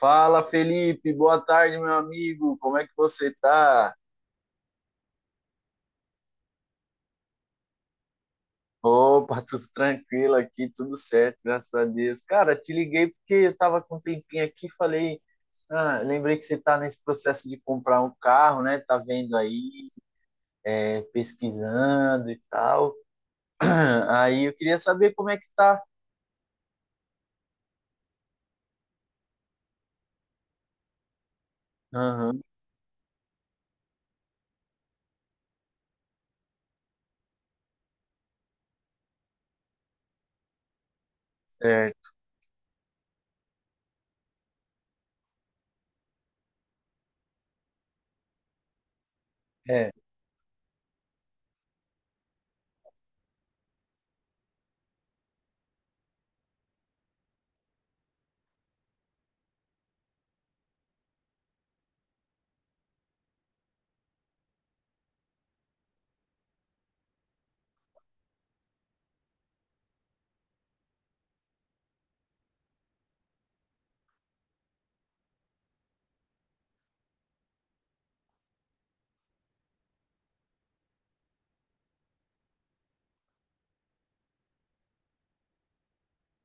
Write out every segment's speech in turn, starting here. Fala, Felipe, boa tarde, meu amigo. Como é que você tá? Opa, tudo tranquilo aqui, tudo certo, graças a Deus. Cara, te liguei porque eu tava com um tempinho aqui, e falei, ah, lembrei que você tá nesse processo de comprar um carro, né? Tá vendo aí, pesquisando e tal. Aí eu queria saber como é que tá. Aham, certo. É,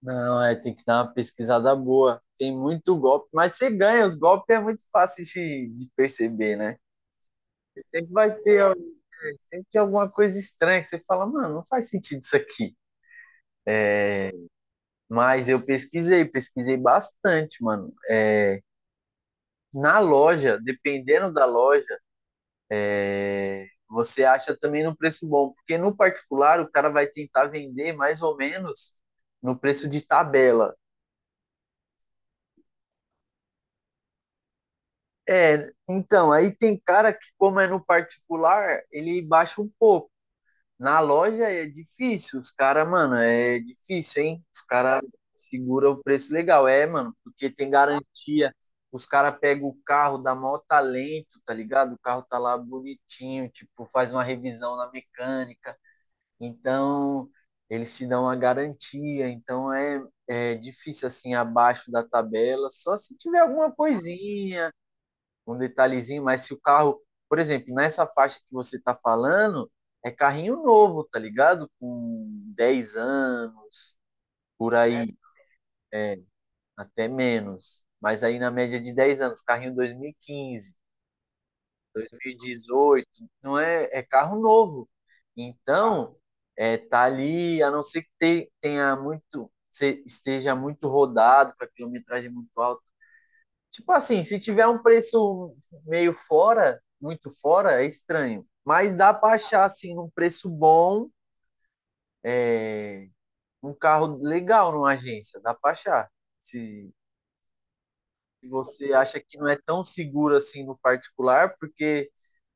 não, é, tem que dar uma pesquisada boa. Tem muito golpe, mas você ganha, os golpes é muito fácil de perceber, né? Sempre vai ter, sempre tem alguma coisa estranha que você fala, mano, não faz sentido isso aqui. Mas eu pesquisei, pesquisei bastante, mano. É, na loja, dependendo da loja, você acha também num preço bom, porque no particular o cara vai tentar vender mais ou menos no preço de tabela. É, então, aí tem cara que, como é no particular, ele baixa um pouco. Na loja é difícil, os caras, mano, é difícil, hein? Os caras segura o preço legal, é, mano, porque tem garantia. Os caras pegam o carro, dá maior talento, tá ligado? O carro tá lá bonitinho, tipo, faz uma revisão na mecânica. Então, eles te dão a garantia. Então, é, é difícil, assim, abaixo da tabela. Só se tiver alguma coisinha, um detalhezinho, mas se o carro, por exemplo, nessa faixa que você está falando, é carrinho novo, tá ligado? Com 10 anos, por É, aí, é, até menos. Mas aí na média de 10 anos, carrinho 2015, 2018, não é, é carro novo. Tá. Então, é, tá ali, a não ser que tenha muito, esteja muito rodado, com a quilometragem muito alta. Tipo assim, se tiver um preço meio fora, muito fora, é estranho. Mas dá pra achar, assim, num preço bom, um carro legal numa agência. Dá pra achar. Se se você acha que não é tão seguro assim no particular, porque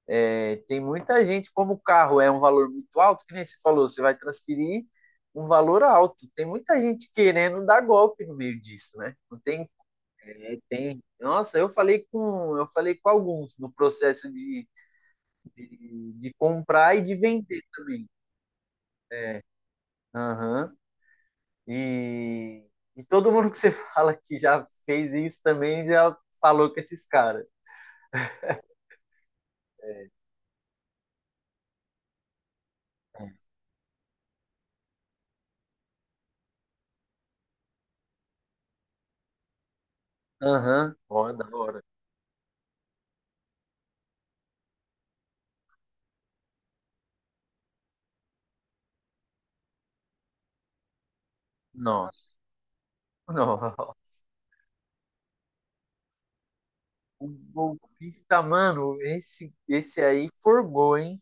é, tem muita gente, como o carro é um valor muito alto, que nem você falou, você vai transferir um valor alto. Tem muita gente querendo dar golpe no meio disso, né? Não tem, é, tem. Nossa, eu falei com alguns no processo de comprar e de vender também. Aham. E, e todo mundo que você fala que já fez isso também já falou com esses caras. Aham. Ó, da hora. Nossa. Nossa. O golpista, mano, esse aí forgou, hein?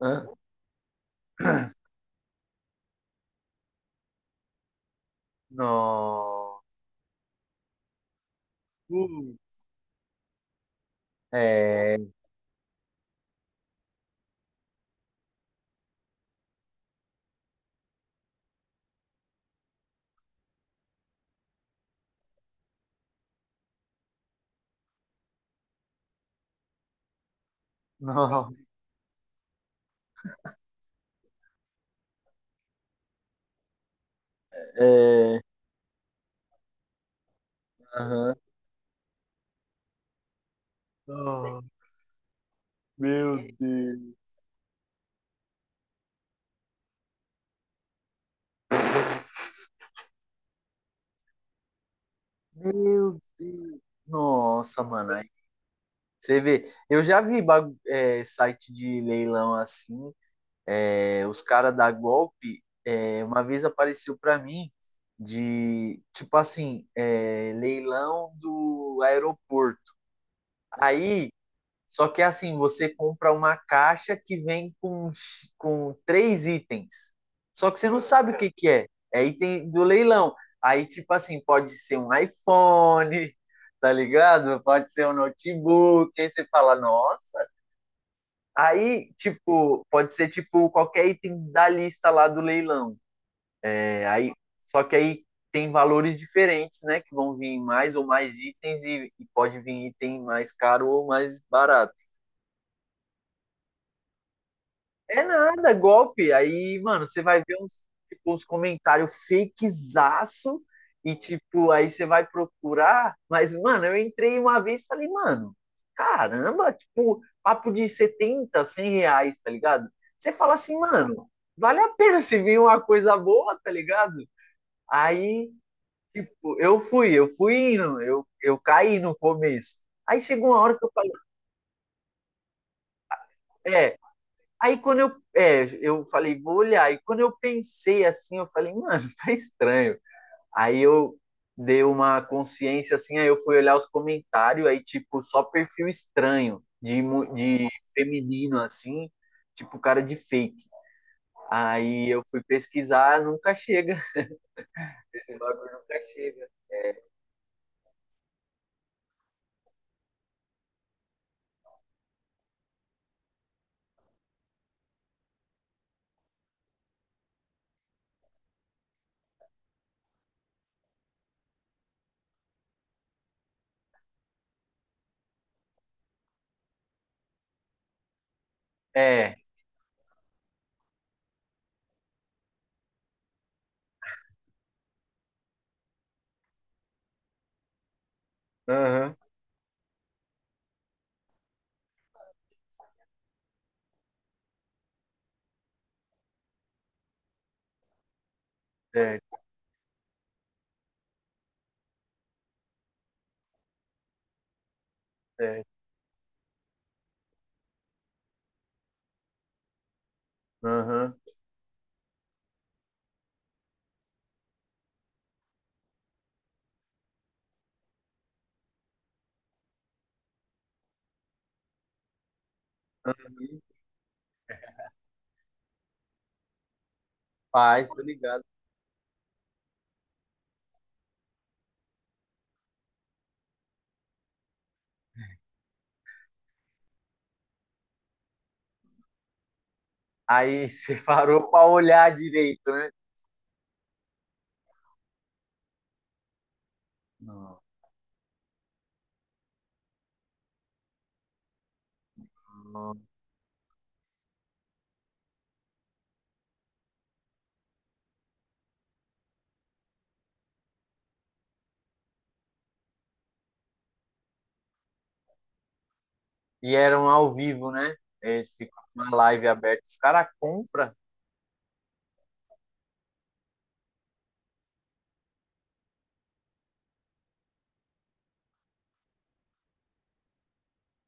Hã? Nossa. Hum. É. Nossa. É. Aham. Nossa. Meu Deus. Meu Deus. Nossa, mano. Você vê, eu já vi site de leilão assim, é, os caras da golpe, é, uma vez apareceu pra mim de, tipo assim, é, leilão do aeroporto. Aí, só que é assim, você compra uma caixa que vem com, com três itens. Só que você não sabe o que que é. É item do leilão. Aí, tipo assim, pode ser um iPhone, tá ligado? Pode ser um notebook. Aí você fala, nossa. Aí, tipo, pode ser tipo qualquer item da lista lá do leilão. É, aí, só que aí tem valores diferentes, né? Que vão vir mais ou mais itens e pode vir item mais caro ou mais barato. É nada, é golpe. Aí, mano, você vai ver uns, tipo, uns comentários fakezaço e, tipo, aí você vai procurar. Mas, mano, eu entrei uma vez e falei, mano, caramba, tipo, papo de 70, 100 reais, tá ligado? Você fala assim, mano, vale a pena se vir uma coisa boa, tá ligado? Aí, tipo, eu fui indo, eu caí no começo. Aí chegou uma hora que eu falei, é, Aí quando eu, é, eu falei, vou olhar. E quando eu pensei assim, eu falei, mano, tá estranho. Aí eu dei uma consciência assim, aí eu fui olhar os comentários, aí tipo, só perfil estranho de, de feminino assim, tipo cara de fake. Aí eu fui pesquisar, nunca chega. Esse bagulho nunca chega. É. Aham. É, certo. Aham. Paz, tô ligado. Aí você parou pra olhar direito, né? Não. E eram ao vivo, né? Eles ficam com uma live aberta. Os caras compram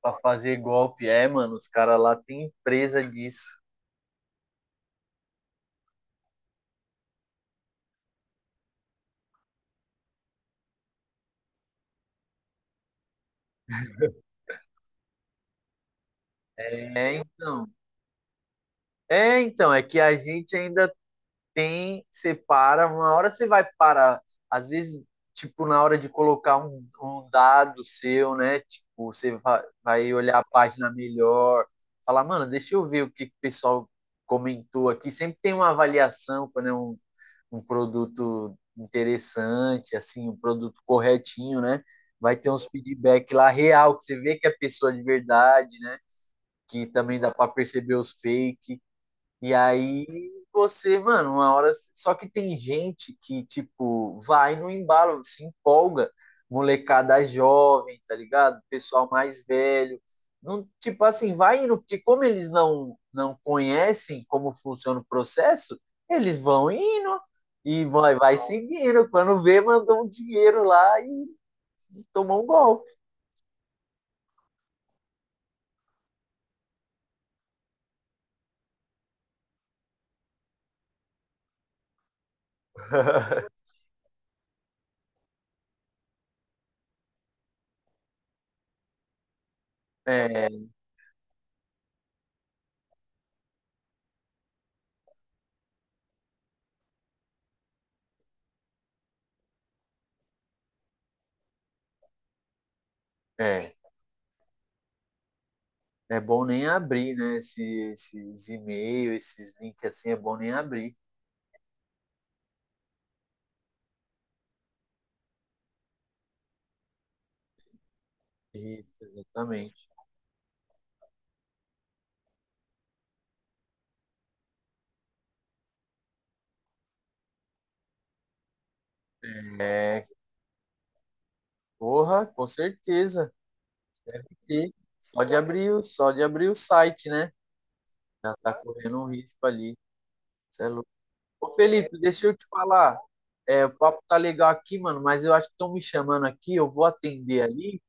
pra fazer golpe. É, mano, os caras lá têm empresa disso. É, então. É, então, é que a gente ainda tem, separa. Uma hora você vai parar. Às vezes, tipo, na hora de colocar um dado seu, né? Tipo, você vai olhar a página melhor. Falar, mano, deixa eu ver o que que o pessoal comentou aqui. Sempre tem uma avaliação quando é um produto interessante, assim, um produto corretinho, né? Vai ter uns feedback lá real, que você vê que é pessoa de verdade, né? Que também dá para perceber os fake. E aí você, mano, uma hora. Só que tem gente que, tipo, vai no embalo, se empolga. Molecada jovem, tá ligado? Pessoal mais velho. Não, tipo assim, vai indo, porque como eles não conhecem como funciona o processo, eles vão indo e vai, vai seguindo. Quando vê, mandou um dinheiro lá e tomou um golpe. É, é. É bom nem abrir, né? Esses e-mails, esses links assim, é bom nem abrir. Isso, exatamente. É, porra, com certeza. E só de abrir, só de abrir o site, né? Já tá correndo um risco ali. Cê é louco. Ô, Felipe, deixa eu te falar. É, o papo tá legal aqui, mano, mas eu acho que estão me chamando aqui, eu vou atender ali.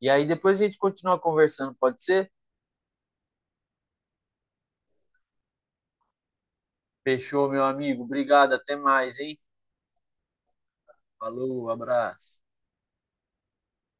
E aí depois a gente continua conversando, pode ser? Fechou, meu amigo. Obrigado, até mais, hein? Falou, abraço.